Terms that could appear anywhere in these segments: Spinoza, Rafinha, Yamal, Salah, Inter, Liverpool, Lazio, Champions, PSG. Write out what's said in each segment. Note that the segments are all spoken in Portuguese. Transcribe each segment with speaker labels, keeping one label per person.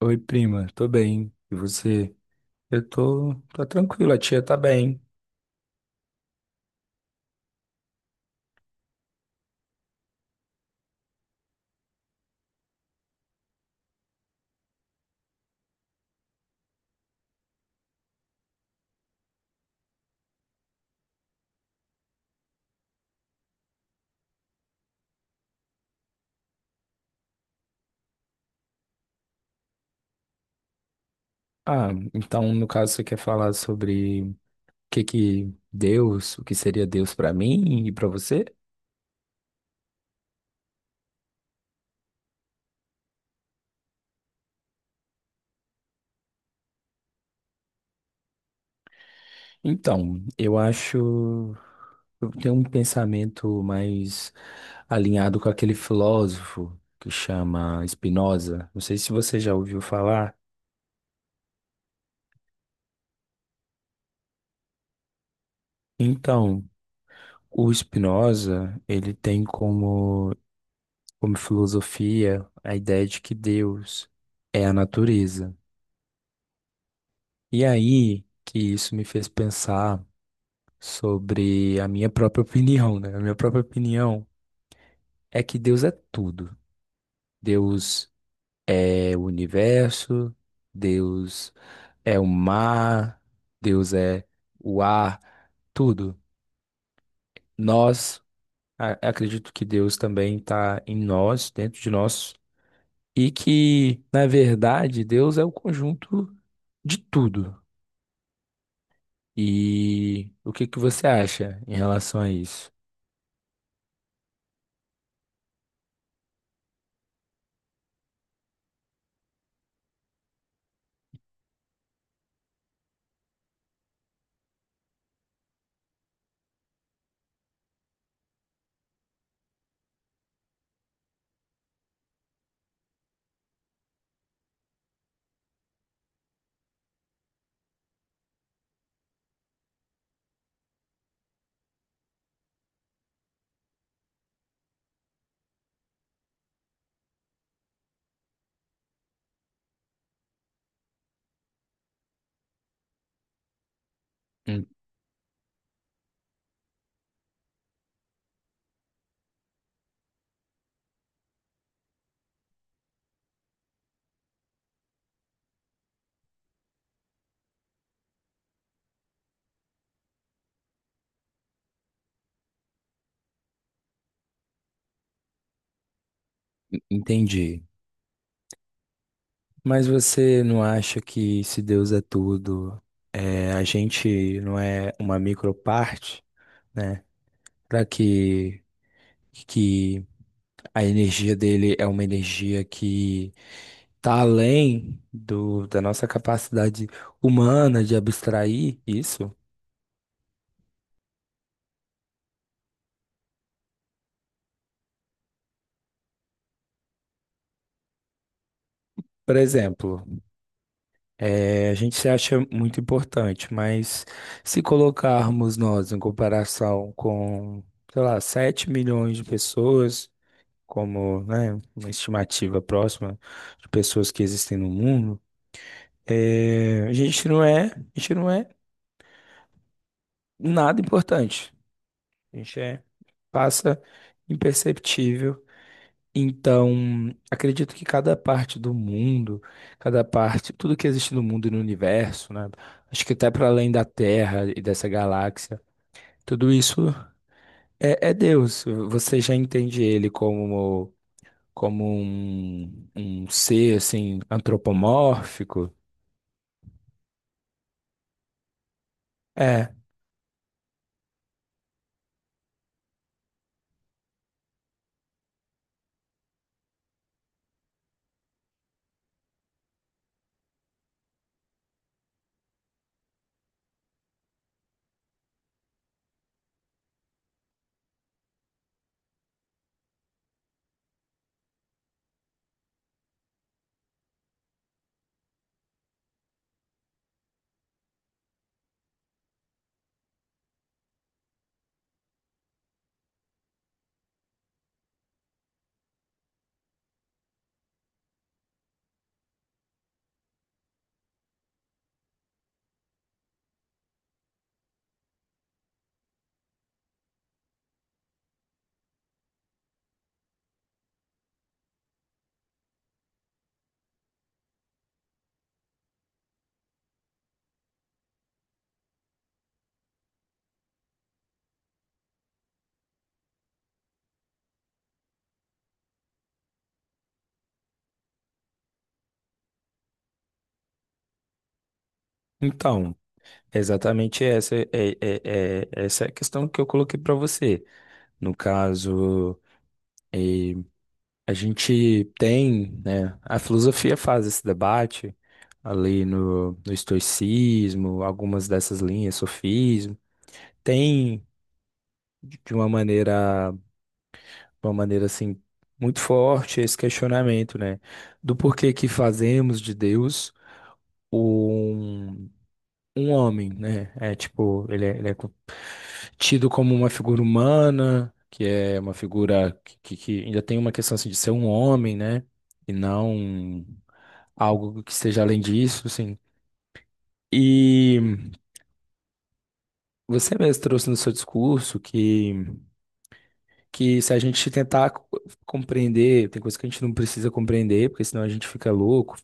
Speaker 1: Oi, prima, tô bem. E você? Eu tô tranquilo, a tia tá bem. Ah, então no caso você quer falar sobre o que que Deus, o que seria Deus pra mim e pra você? Então, eu tenho um pensamento mais alinhado com aquele filósofo que chama Spinoza. Não sei se você já ouviu falar. Então, o Spinoza, ele tem como filosofia, a ideia de que Deus é a natureza. E aí que isso me fez pensar sobre a minha própria opinião, né? A minha própria opinião é que Deus é tudo. Deus é o universo, Deus é o mar, Deus é o ar, tudo. Nós, acredito que Deus também está em nós, dentro de nós, e que, na verdade, Deus é o conjunto de tudo. E o que que você acha em relação a isso? En- Entendi. Mas você não acha que se Deus é tudo, é, a gente não é uma microparte, né? Para que a energia dele é uma energia que tá além do, da nossa capacidade humana de abstrair isso? Por exemplo, é, a gente se acha muito importante, mas se colocarmos nós em comparação com, sei lá, 7 milhões de pessoas, como, né, uma estimativa próxima de pessoas que existem no mundo, é, a gente não é nada importante. A gente é, passa imperceptível. Então, acredito que cada parte do mundo, cada parte, tudo que existe no mundo e no universo, né? Acho que até para além da Terra e dessa galáxia, tudo isso é Deus. Você já entende ele como, como um ser assim antropomórfico? É. Então, exatamente essa é a questão que eu coloquei para você. No caso, a gente tem, né, a filosofia faz esse debate ali no, no estoicismo, algumas dessas linhas, sofismo, tem de uma maneira, de uma maneira assim muito forte esse questionamento, né, do porquê que fazemos de Deus um homem, né? É tipo, ele é tido como uma figura humana, que é uma figura que ainda tem uma questão assim, de ser um homem, né? E não algo que seja além disso, assim. E você mesmo trouxe no seu discurso que se a gente tentar compreender, tem coisa que a gente não precisa compreender, porque senão a gente fica louco.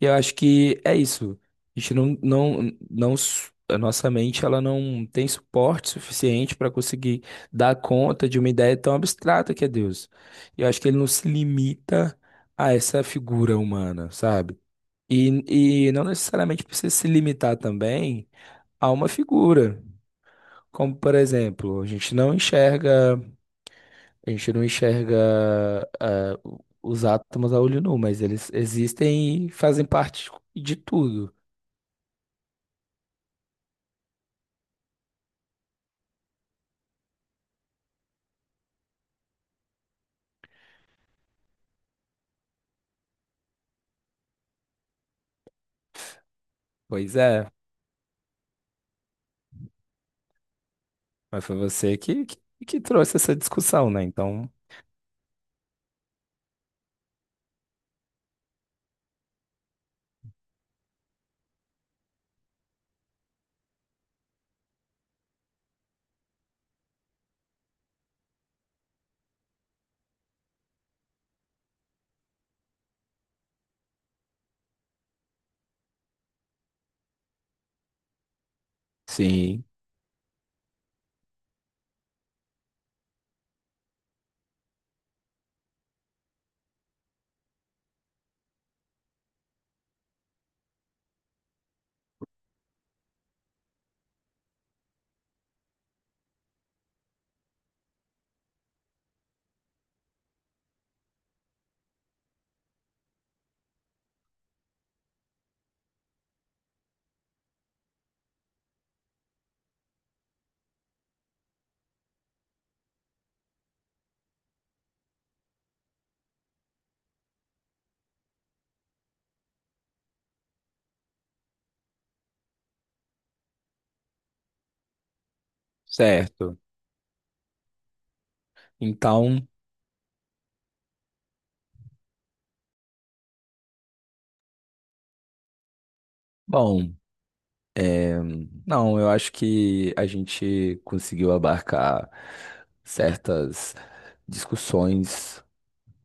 Speaker 1: E eu acho que é isso. A gente não, não, não, s- a nossa mente ela não tem suporte suficiente para conseguir dar conta de uma ideia tão abstrata que é Deus. E eu acho que ele não se limita a essa figura humana, sabe? E não necessariamente precisa se limitar também a uma figura. Como, por exemplo, a gente não enxerga os átomos a olho nu, mas eles existem e fazem parte de tudo. Pois é, mas foi você que trouxe essa discussão, né? Então, sim, certo. Então, bom, é, não, eu acho que a gente conseguiu abarcar certas discussões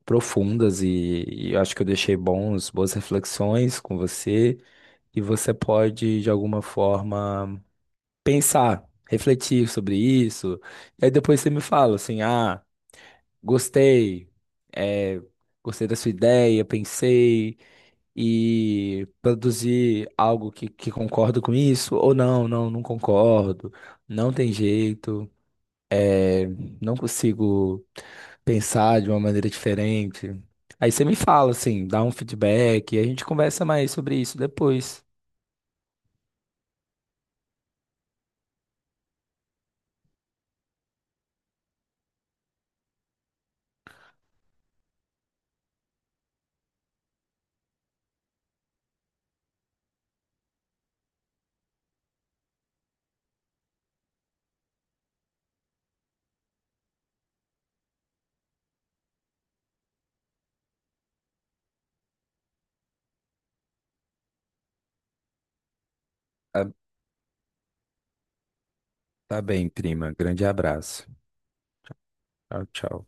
Speaker 1: profundas e eu acho que eu deixei boas reflexões com você e você pode, de alguma forma, pensar, refletir sobre isso. E aí depois você me fala assim, ah. Gostei, é, gostei da sua ideia, pensei e produzi algo que concordo com isso, ou não, não concordo, não tem jeito, é, não consigo pensar de uma maneira diferente. Aí você me fala, assim, dá um feedback e a gente conversa mais sobre isso depois. Tá, tá bem, prima. Grande abraço. Tchau, tchau.